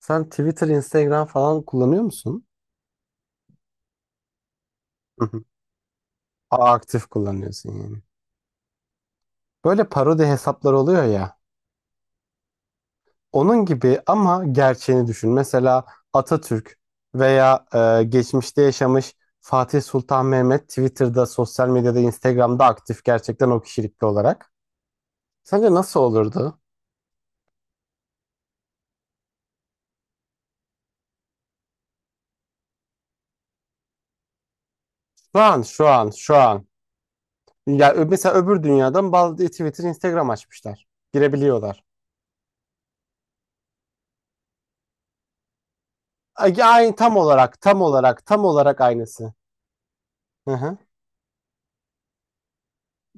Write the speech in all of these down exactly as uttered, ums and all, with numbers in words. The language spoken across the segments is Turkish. Sen Twitter, Instagram falan kullanıyor musun? Hı hı. Aa, aktif kullanıyorsun yani. Böyle parodi hesaplar oluyor ya. Onun gibi ama gerçeğini düşün. Mesela Atatürk veya e, geçmişte yaşamış Fatih Sultan Mehmet Twitter'da, sosyal medyada, Instagram'da aktif gerçekten o kişilikli olarak. Sence nasıl olurdu? Şu an, şu an, şu an. Ya ö- mesela öbür dünyadan bazı Twitter, Instagram açmışlar. Girebiliyorlar. Ay, ay, tam olarak, tam olarak, tam olarak aynısı. Hı hı.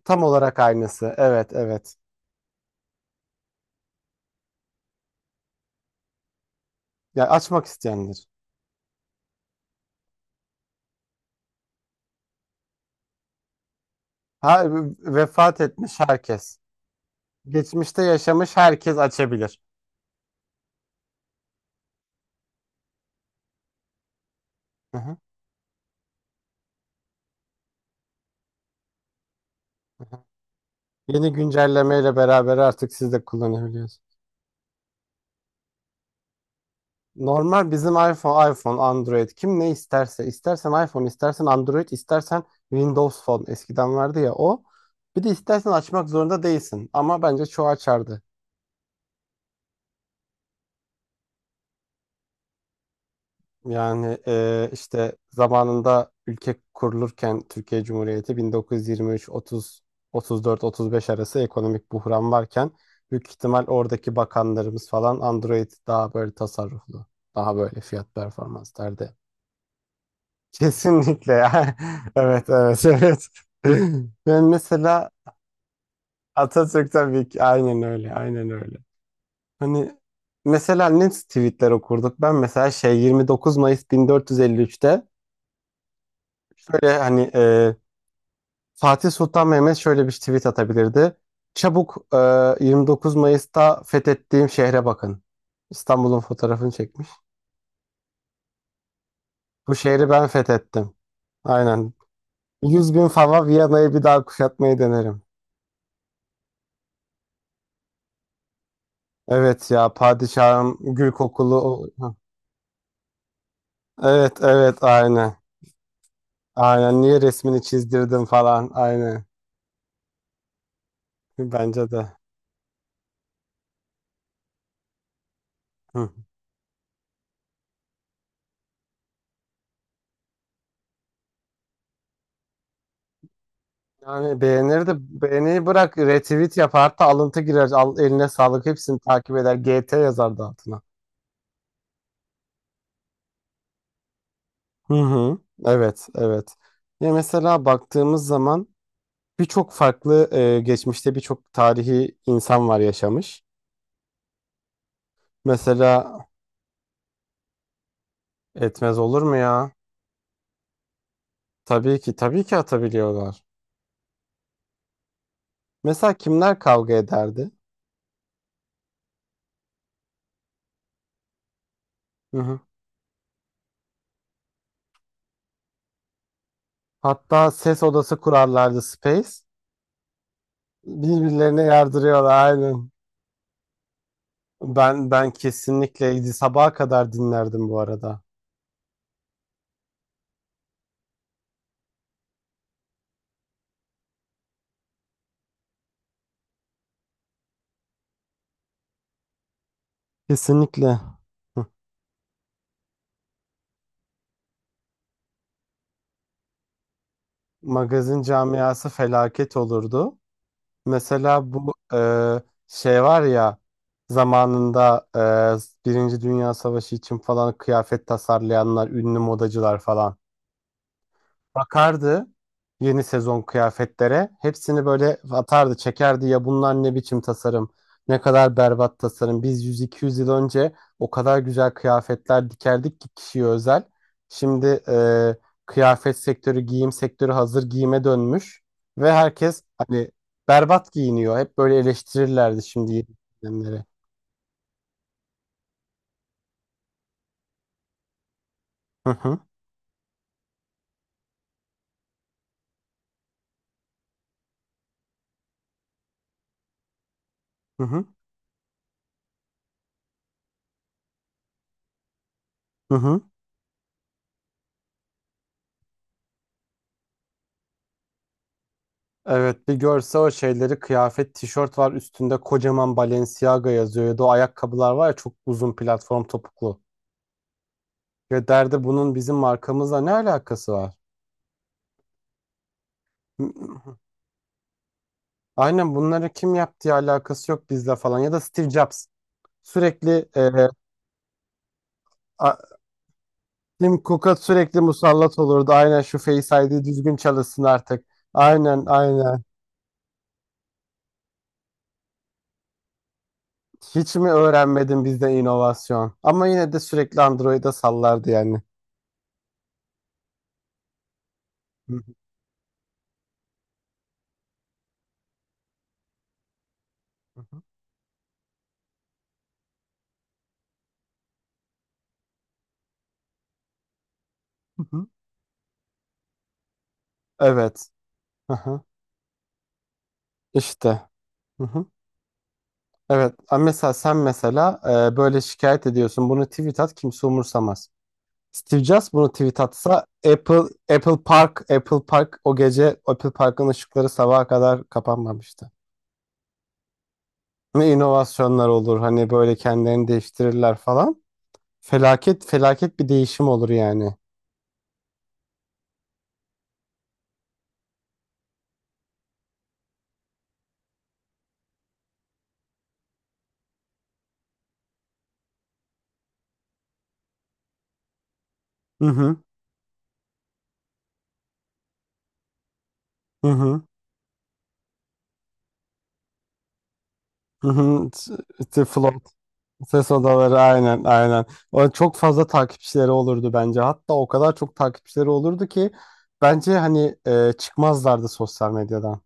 Tam olarak aynısı. Evet, evet. Ya açmak isteyendir. Ha, vefat etmiş herkes. Geçmişte yaşamış herkes açabilir. Hı hı, hı hı. Yeni güncellemeyle beraber artık siz de kullanabiliyorsunuz. Normal bizim iPhone, iPhone, Android, kim ne isterse, istersen iPhone, istersen Android, istersen Windows Phone eskiden vardı ya o. Bir de istersen açmak zorunda değilsin ama bence çoğu açardı. Yani e, işte zamanında ülke kurulurken Türkiye Cumhuriyeti bin dokuz yüz yirmi üç, otuz, otuz dört, otuz beş arası ekonomik buhran varken büyük ihtimal oradaki bakanlarımız falan Android daha böyle tasarruflu, daha böyle fiyat performans derdi. Kesinlikle ya. Evet evet evet. Ben mesela Atatürk'ten bir, aynen öyle, aynen öyle. Hani mesela ne tweetler okurduk? Ben mesela şey, yirmi dokuz Mayıs bin dört yüz elli üçte, böyle hani e, Fatih Sultan Mehmet şöyle bir tweet atabilirdi. Çabuk, e, yirmi dokuz Mayıs'ta fethettiğim şehre bakın. İstanbul'un fotoğrafını çekmiş. Bu şehri ben fethettim. Aynen. yüz bin fava Viyana'yı bir daha kuşatmayı denerim. Evet ya padişahım gül kokulu. o- Hı. Evet evet aynen. Aynen niye resmini çizdirdim falan, aynen. Bence de. Hı. Yani beğenir de, beğeni bırak retweet yapar, hatta alıntı girer, al eline sağlık, hepsini takip eder, G T yazar da altına. Hı hı. Evet evet. Ya mesela baktığımız zaman birçok farklı, e, geçmişte birçok tarihi insan var yaşamış. Mesela etmez olur mu ya? Tabii ki tabii ki atabiliyorlar. Mesela kimler kavga ederdi? Hı hı. Hatta ses odası kurarlardı, Space. Birbirlerine yardırıyorlar aynen. Ben ben kesinlikle sabaha kadar dinlerdim bu arada. Kesinlikle. Hı. Magazin camiası felaket olurdu. Mesela bu e, şey var ya, zamanında e, Birinci Dünya Savaşı için falan kıyafet tasarlayanlar, ünlü modacılar falan bakardı yeni sezon kıyafetlere. Hepsini böyle atardı, çekerdi. Ya bunlar ne biçim tasarım, ne kadar berbat tasarım. Biz yüz iki yüz yıl önce o kadar güzel kıyafetler dikerdik ki, kişiye özel. Şimdi e, kıyafet sektörü, giyim sektörü hazır giyime dönmüş. Ve herkes hani berbat giyiniyor. Hep böyle eleştirirlerdi şimdi yeni dönemleri. Hı hı, hı hı, hı hı. Evet, bir görse o şeyleri, kıyafet, tişört var üstünde kocaman Balenciaga yazıyor, ya da o ayakkabılar var ya, çok uzun platform topuklu. Ya derdi bunun bizim markamızla ne alakası var? M- Aynen, bunları kim yaptığı alakası yok bizle falan, ya da Steve Jobs sürekli e, a- Tim Cook'a sürekli musallat olurdu. Aynen, şu Face I D düzgün çalışsın artık. Aynen aynen. Hiç mi öğrenmedin bizde inovasyon? Ama yine de sürekli Android'e sallardı yani. Hı hı, hı hı. Hı hı. Evet. Hı hı. İşte. Hı hı. Evet. Ama mesela sen mesela e, böyle şikayet ediyorsun. Bunu tweet at, kimse umursamaz. Steve Jobs bunu tweet atsa, Apple Apple Park Apple Park o gece Apple Park'ın ışıkları sabaha kadar kapanmamıştı. Ne inovasyonlar olur, hani böyle kendilerini değiştirirler falan. Felaket, felaket bir değişim olur yani. Hı hı. Hı hı. Hı hı. T- t- Flow Ses odaları, aynen aynen. O çok fazla takipçileri olurdu bence. Hatta o kadar çok takipçileri olurdu ki bence hani e, çıkmazlardı sosyal medyadan.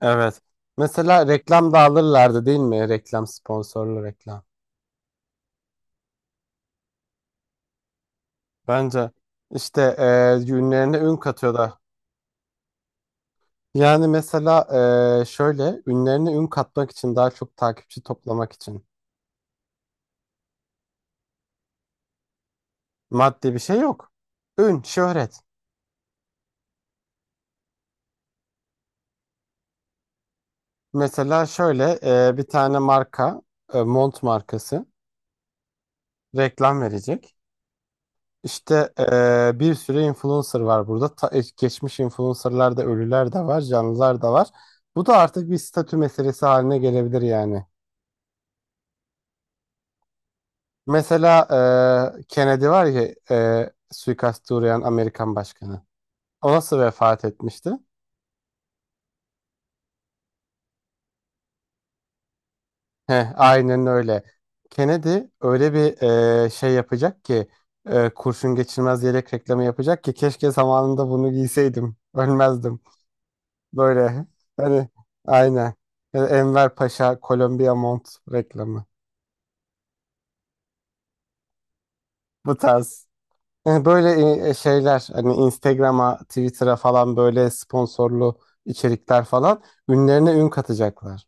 Evet. Mesela reklam da alırlardı değil mi? Reklam, sponsorlu reklam. Bence işte e, ünlerine ün katıyorlar. Yani mesela e, şöyle ünlerine ün katmak için, daha çok takipçi toplamak için, maddi bir şey yok. Ün, şöhret. Mesela şöyle e, bir tane marka, e, mont markası reklam verecek. İşte eee, bir sürü influencer var burada. Ta- e, geçmiş influencerlar da, ölüler de var, canlılar da var. Bu da artık bir statü meselesi haline gelebilir yani. Mesela eee, Kennedy var ya, eee suikaste uğrayan Amerikan başkanı. O nasıl vefat etmişti? Heh, aynen öyle. Kennedy öyle bir eee, şey yapacak ki, eee, kurşun geçirmez yelek reklamı yapacak ki, keşke zamanında bunu giyseydim, ölmezdim. Böyle. Hani, aynen. Yani Enver Paşa, Kolombiya Mont reklamı. Bu tarz. Yani böyle e, e, şeyler, hani Instagram'a, Twitter'a falan böyle sponsorlu içerikler falan, ünlerine ün katacaklar.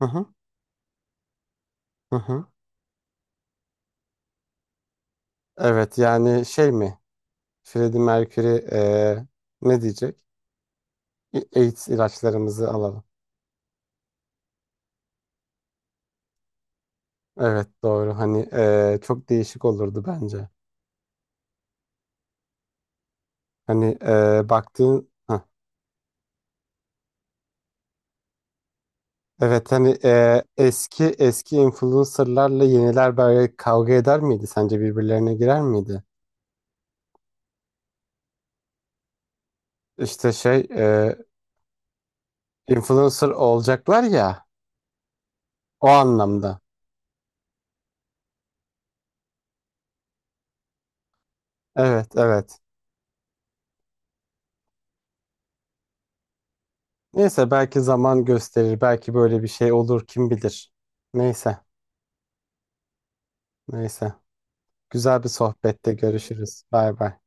Hı hı, hı hı. Evet yani şey mi? Freddie Mercury e, ne diyecek? "A- AIDS ilaçlarımızı alalım." Evet doğru. Hani e, çok değişik olurdu bence. Hani e, baktığın... Hı. Evet, hani e, eski eski influencerlarla yeniler böyle kavga eder miydi? Sence birbirlerine girer miydi? İşte şey, e, influencer olacaklar ya o anlamda. Evet evet. Neyse, belki zaman gösterir. Belki böyle bir şey olur, kim bilir. Neyse neyse. Güzel bir sohbette görüşürüz. Bay bay.